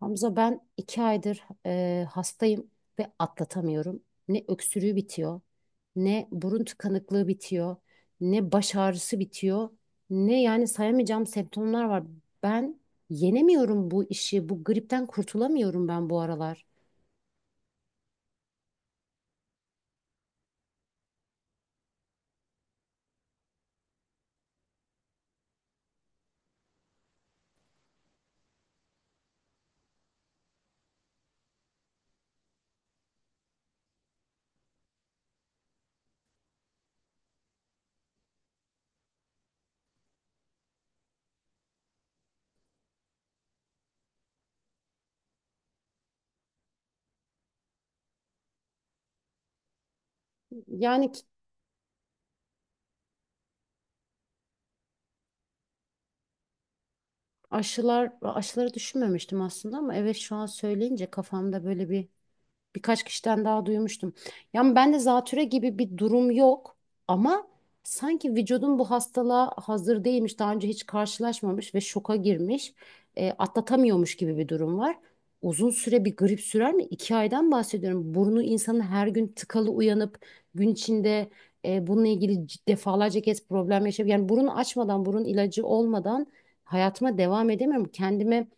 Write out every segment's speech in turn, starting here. Hamza, ben iki aydır hastayım ve atlatamıyorum. Ne öksürüğü bitiyor, ne burun tıkanıklığı bitiyor, ne baş ağrısı bitiyor, ne yani sayamayacağım semptomlar var. Ben yenemiyorum bu işi, bu gripten kurtulamıyorum ben bu aralar. Yani ki- Aşılar, aşıları düşünmemiştim aslında ama evet, şu an söyleyince kafamda böyle bir birkaç kişiden daha duymuştum. Yani ben de zatüre gibi bir durum yok ama sanki vücudum bu hastalığa hazır değilmiş, daha önce hiç karşılaşmamış ve şoka girmiş, atlatamıyormuş gibi bir durum var. Uzun süre bir grip sürer mi? İki aydan bahsediyorum. Burnu insanın her gün tıkalı uyanıp gün içinde bununla ilgili defalarca kez problem yaşayıp yani burun açmadan, burun ilacı olmadan hayatıma devam edemiyorum. Kendime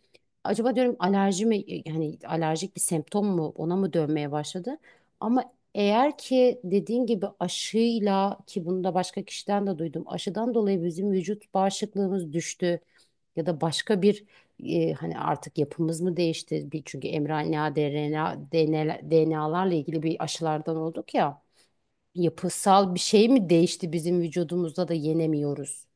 acaba diyorum, alerji mi, yani alerjik bir semptom mu, ona mı dönmeye başladı? Ama eğer ki dediğin gibi aşıyla, ki bunu da başka kişiden de duydum, aşıdan dolayı bizim vücut bağışıklığımız düştü ya da başka bir, hani artık yapımız mı değişti? Bir, çünkü mRNA, DRNA, DNA'larla ilgili bir aşılardan olduk ya, yapısal bir şey mi değişti bizim vücudumuzda da yenemiyoruz?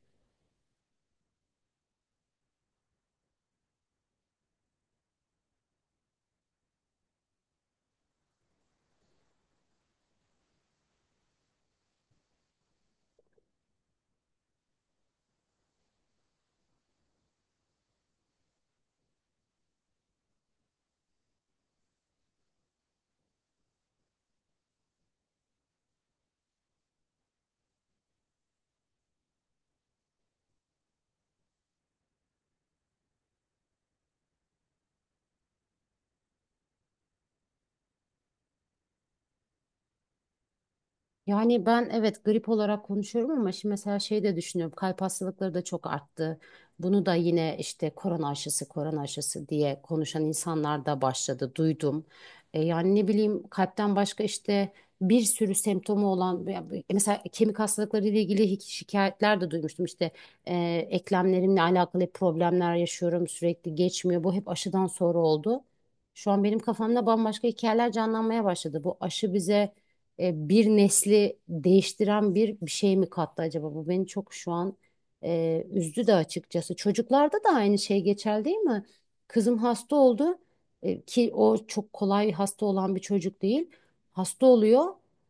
Yani ben evet grip olarak konuşuyorum ama şimdi mesela şey de düşünüyorum. Kalp hastalıkları da çok arttı. Bunu da yine işte korona aşısı, korona aşısı diye konuşan insanlar da başladı, duydum. E, yani ne bileyim kalpten başka işte bir sürü semptomu olan ya mesela kemik hastalıkları ile ilgili şikayetler de duymuştum. İşte, e, eklemlerimle alakalı hep problemler yaşıyorum, sürekli geçmiyor. Bu hep aşıdan sonra oldu. Şu an benim kafamda bambaşka hikayeler canlanmaya başladı. Bu aşı bize bir nesli değiştiren bir şey mi kattı acaba? Bu beni çok şu an üzdü de açıkçası. Çocuklarda da aynı şey geçerli değil mi? Kızım hasta oldu, ki o çok kolay hasta olan bir çocuk değil. Hasta oluyor,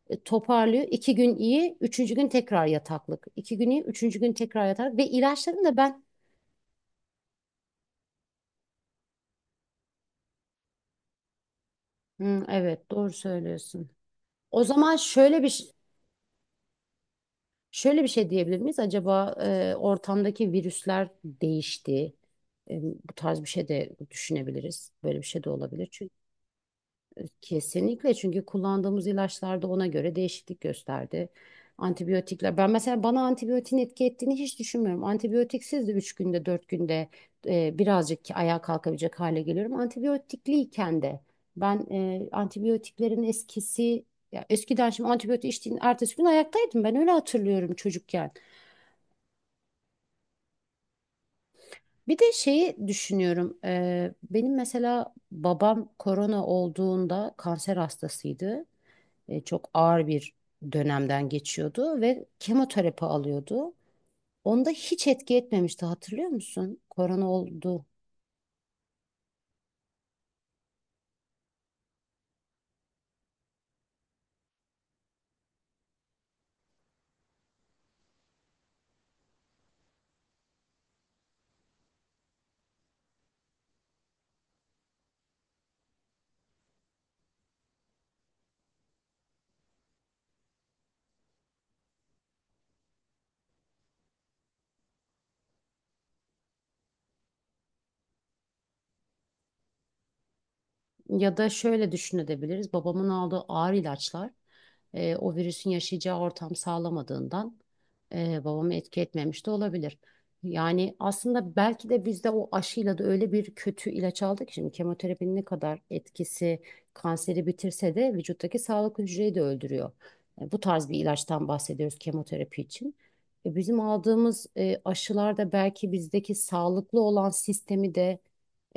toparlıyor. İki gün iyi, üçüncü gün tekrar yataklık. İki gün iyi, üçüncü gün tekrar yataklık. Ve ilaçlarını da ben... Hı, evet, doğru söylüyorsun. O zaman şöyle bir ş- Şöyle bir şey diyebilir miyiz? Acaba ortamdaki virüsler değişti. E, bu tarz bir şey de düşünebiliriz. Böyle bir şey de olabilir. Çünkü kesinlikle, çünkü kullandığımız ilaçlarda ona göre değişiklik gösterdi. Antibiyotikler. Ben mesela bana antibiyotin etki ettiğini hiç düşünmüyorum. Antibiyotiksiz de 3 günde, 4 günde birazcık ayağa kalkabilecek hale geliyorum. Antibiyotikliyken de ben antibiyotiklerin eskisi, ya eskiden, şimdi antibiyotik içtiğin ertesi gün ayaktaydım. Ben öyle hatırlıyorum çocukken. Bir de şeyi düşünüyorum. Benim mesela babam korona olduğunda kanser hastasıydı. E, çok ağır bir dönemden geçiyordu ve kemoterapi alıyordu. Onda hiç etki etmemişti, hatırlıyor musun? Korona oldu. Ya da şöyle düşünebiliriz. Babamın aldığı ağır ilaçlar o virüsün yaşayacağı ortam sağlamadığından babamı etki etmemiş de olabilir. Yani aslında belki de biz de o aşıyla da öyle bir kötü ilaç aldık. Ki şimdi kemoterapinin ne kadar etkisi, kanseri bitirse de vücuttaki sağlık hücreyi de öldürüyor. E, bu tarz bir ilaçtan bahsediyoruz kemoterapi için. E, bizim aldığımız aşılar da belki bizdeki sağlıklı olan sistemi de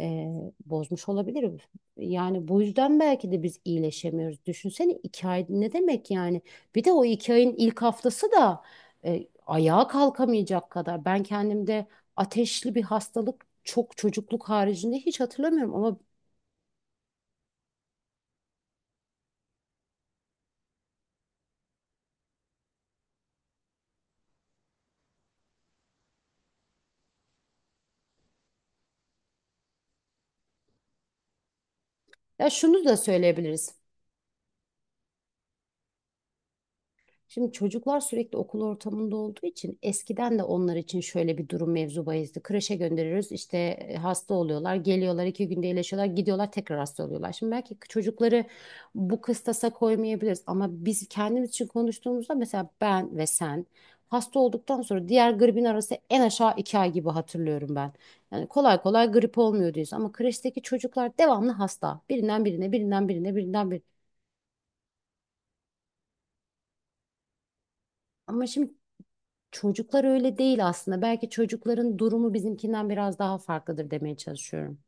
e, bozmuş olabilir. Yani bu yüzden belki de biz iyileşemiyoruz. Düşünsene iki ay ne demek yani? Bir de o iki ayın ilk haftası da ayağa kalkamayacak kadar. Ben kendimde ateşli bir hastalık çok, çocukluk haricinde hiç hatırlamıyorum ama ya şunu da söyleyebiliriz. Şimdi çocuklar sürekli okul ortamında olduğu için eskiden de onlar için şöyle bir durum mevzu bahisdi. Kreşe gönderiyoruz işte, hasta oluyorlar, geliyorlar, iki günde iyileşiyorlar, gidiyorlar, tekrar hasta oluyorlar. Şimdi belki çocukları bu kıstasa koymayabiliriz ama biz kendimiz için konuştuğumuzda, mesela ben ve sen hasta olduktan sonra diğer gripin arası en aşağı iki ay gibi hatırlıyorum ben. Yani kolay kolay grip olmuyor diyoruz ama kreşteki çocuklar devamlı hasta. Birinden birine, birinden birine, birinden birine. Ama şimdi çocuklar öyle değil aslında. Belki çocukların durumu bizimkinden biraz daha farklıdır demeye çalışıyorum.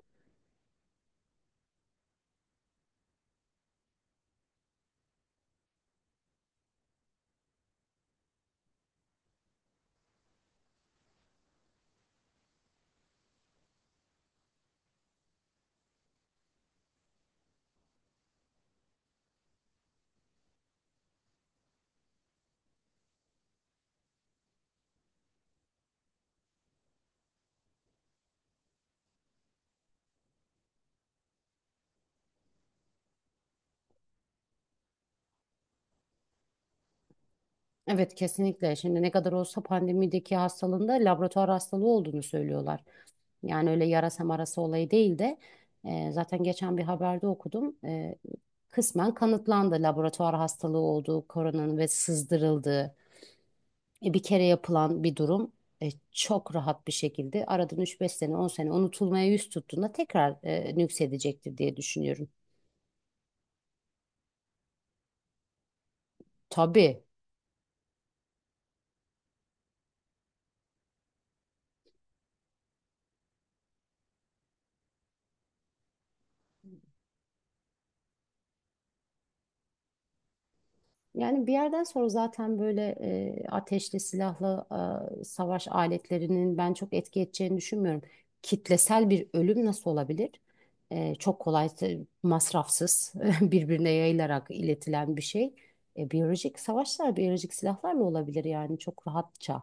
Evet, kesinlikle. Şimdi ne kadar olsa pandemideki hastalığında laboratuvar hastalığı olduğunu söylüyorlar. Yani öyle yarasa marası olayı değil de zaten geçen bir haberde okudum. E, kısmen kanıtlandı laboratuvar hastalığı olduğu, koronanın ve sızdırıldığı, bir kere yapılan bir durum. E, çok rahat bir şekilde aradan üç beş sene, 10 sene unutulmaya yüz tuttuğunda tekrar nüksedecektir diye düşünüyorum. Tabii, yani bir yerden sonra zaten böyle ateşli silahlı savaş aletlerinin ben çok etki edeceğini düşünmüyorum. Kitlesel bir ölüm nasıl olabilir? E, çok kolay, masrafsız, birbirine yayılarak iletilen bir şey. E, biyolojik savaşlar, biyolojik silahlarla olabilir yani çok rahatça.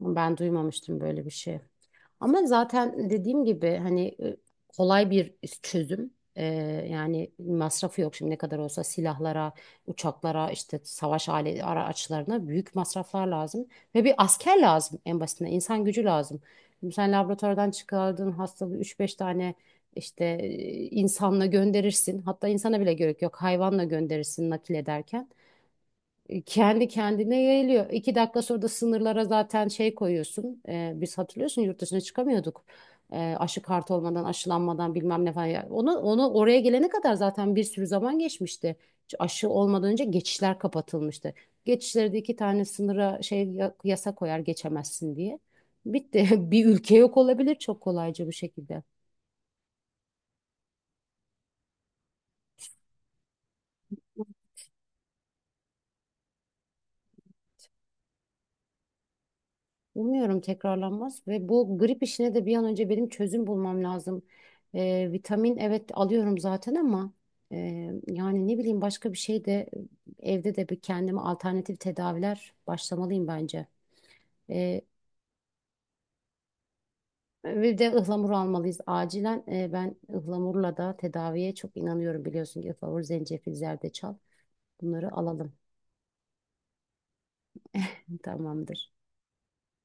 Ben duymamıştım böyle bir şey. Ama zaten dediğim gibi hani, kolay bir çözüm. Yani masrafı yok, şimdi ne kadar olsa silahlara, uçaklara, işte savaş alet araçlarına büyük masraflar lazım. Ve bir asker lazım, en basitinden insan gücü lazım. Şimdi sen laboratuvardan çıkardığın hastalığı üç beş tane işte, insanla gönderirsin. Hatta insana bile gerek yok, hayvanla gönderirsin nakil ederken. E, kendi kendine yayılıyor. İki dakika sonra da sınırlara zaten şey koyuyorsun. E, biz, hatırlıyorsun, yurt dışına çıkamıyorduk. E, aşı kartı olmadan, aşılanmadan bilmem ne falan. Ya onu, onu oraya gelene kadar zaten bir sürü zaman geçmişti. Aşı olmadan önce geçişler kapatılmıştı. Geçişlerde iki tane sınıra şey yasa koyar, geçemezsin diye. Bitti. Bir ülke yok olabilir çok kolayca bu şekilde. Umuyorum tekrarlanmaz ve bu grip işine de bir an önce benim çözüm bulmam lazım. Vitamin, evet, alıyorum zaten ama e, yani ne bileyim, başka bir şey de, evde de bir kendime alternatif tedaviler başlamalıyım bence. Ee, Bir de ıhlamur almalıyız acilen. Ben ıhlamurla da tedaviye çok inanıyorum, biliyorsun ki ıhlamur, zencefil, zerdeçal, bunları alalım. Tamamdır.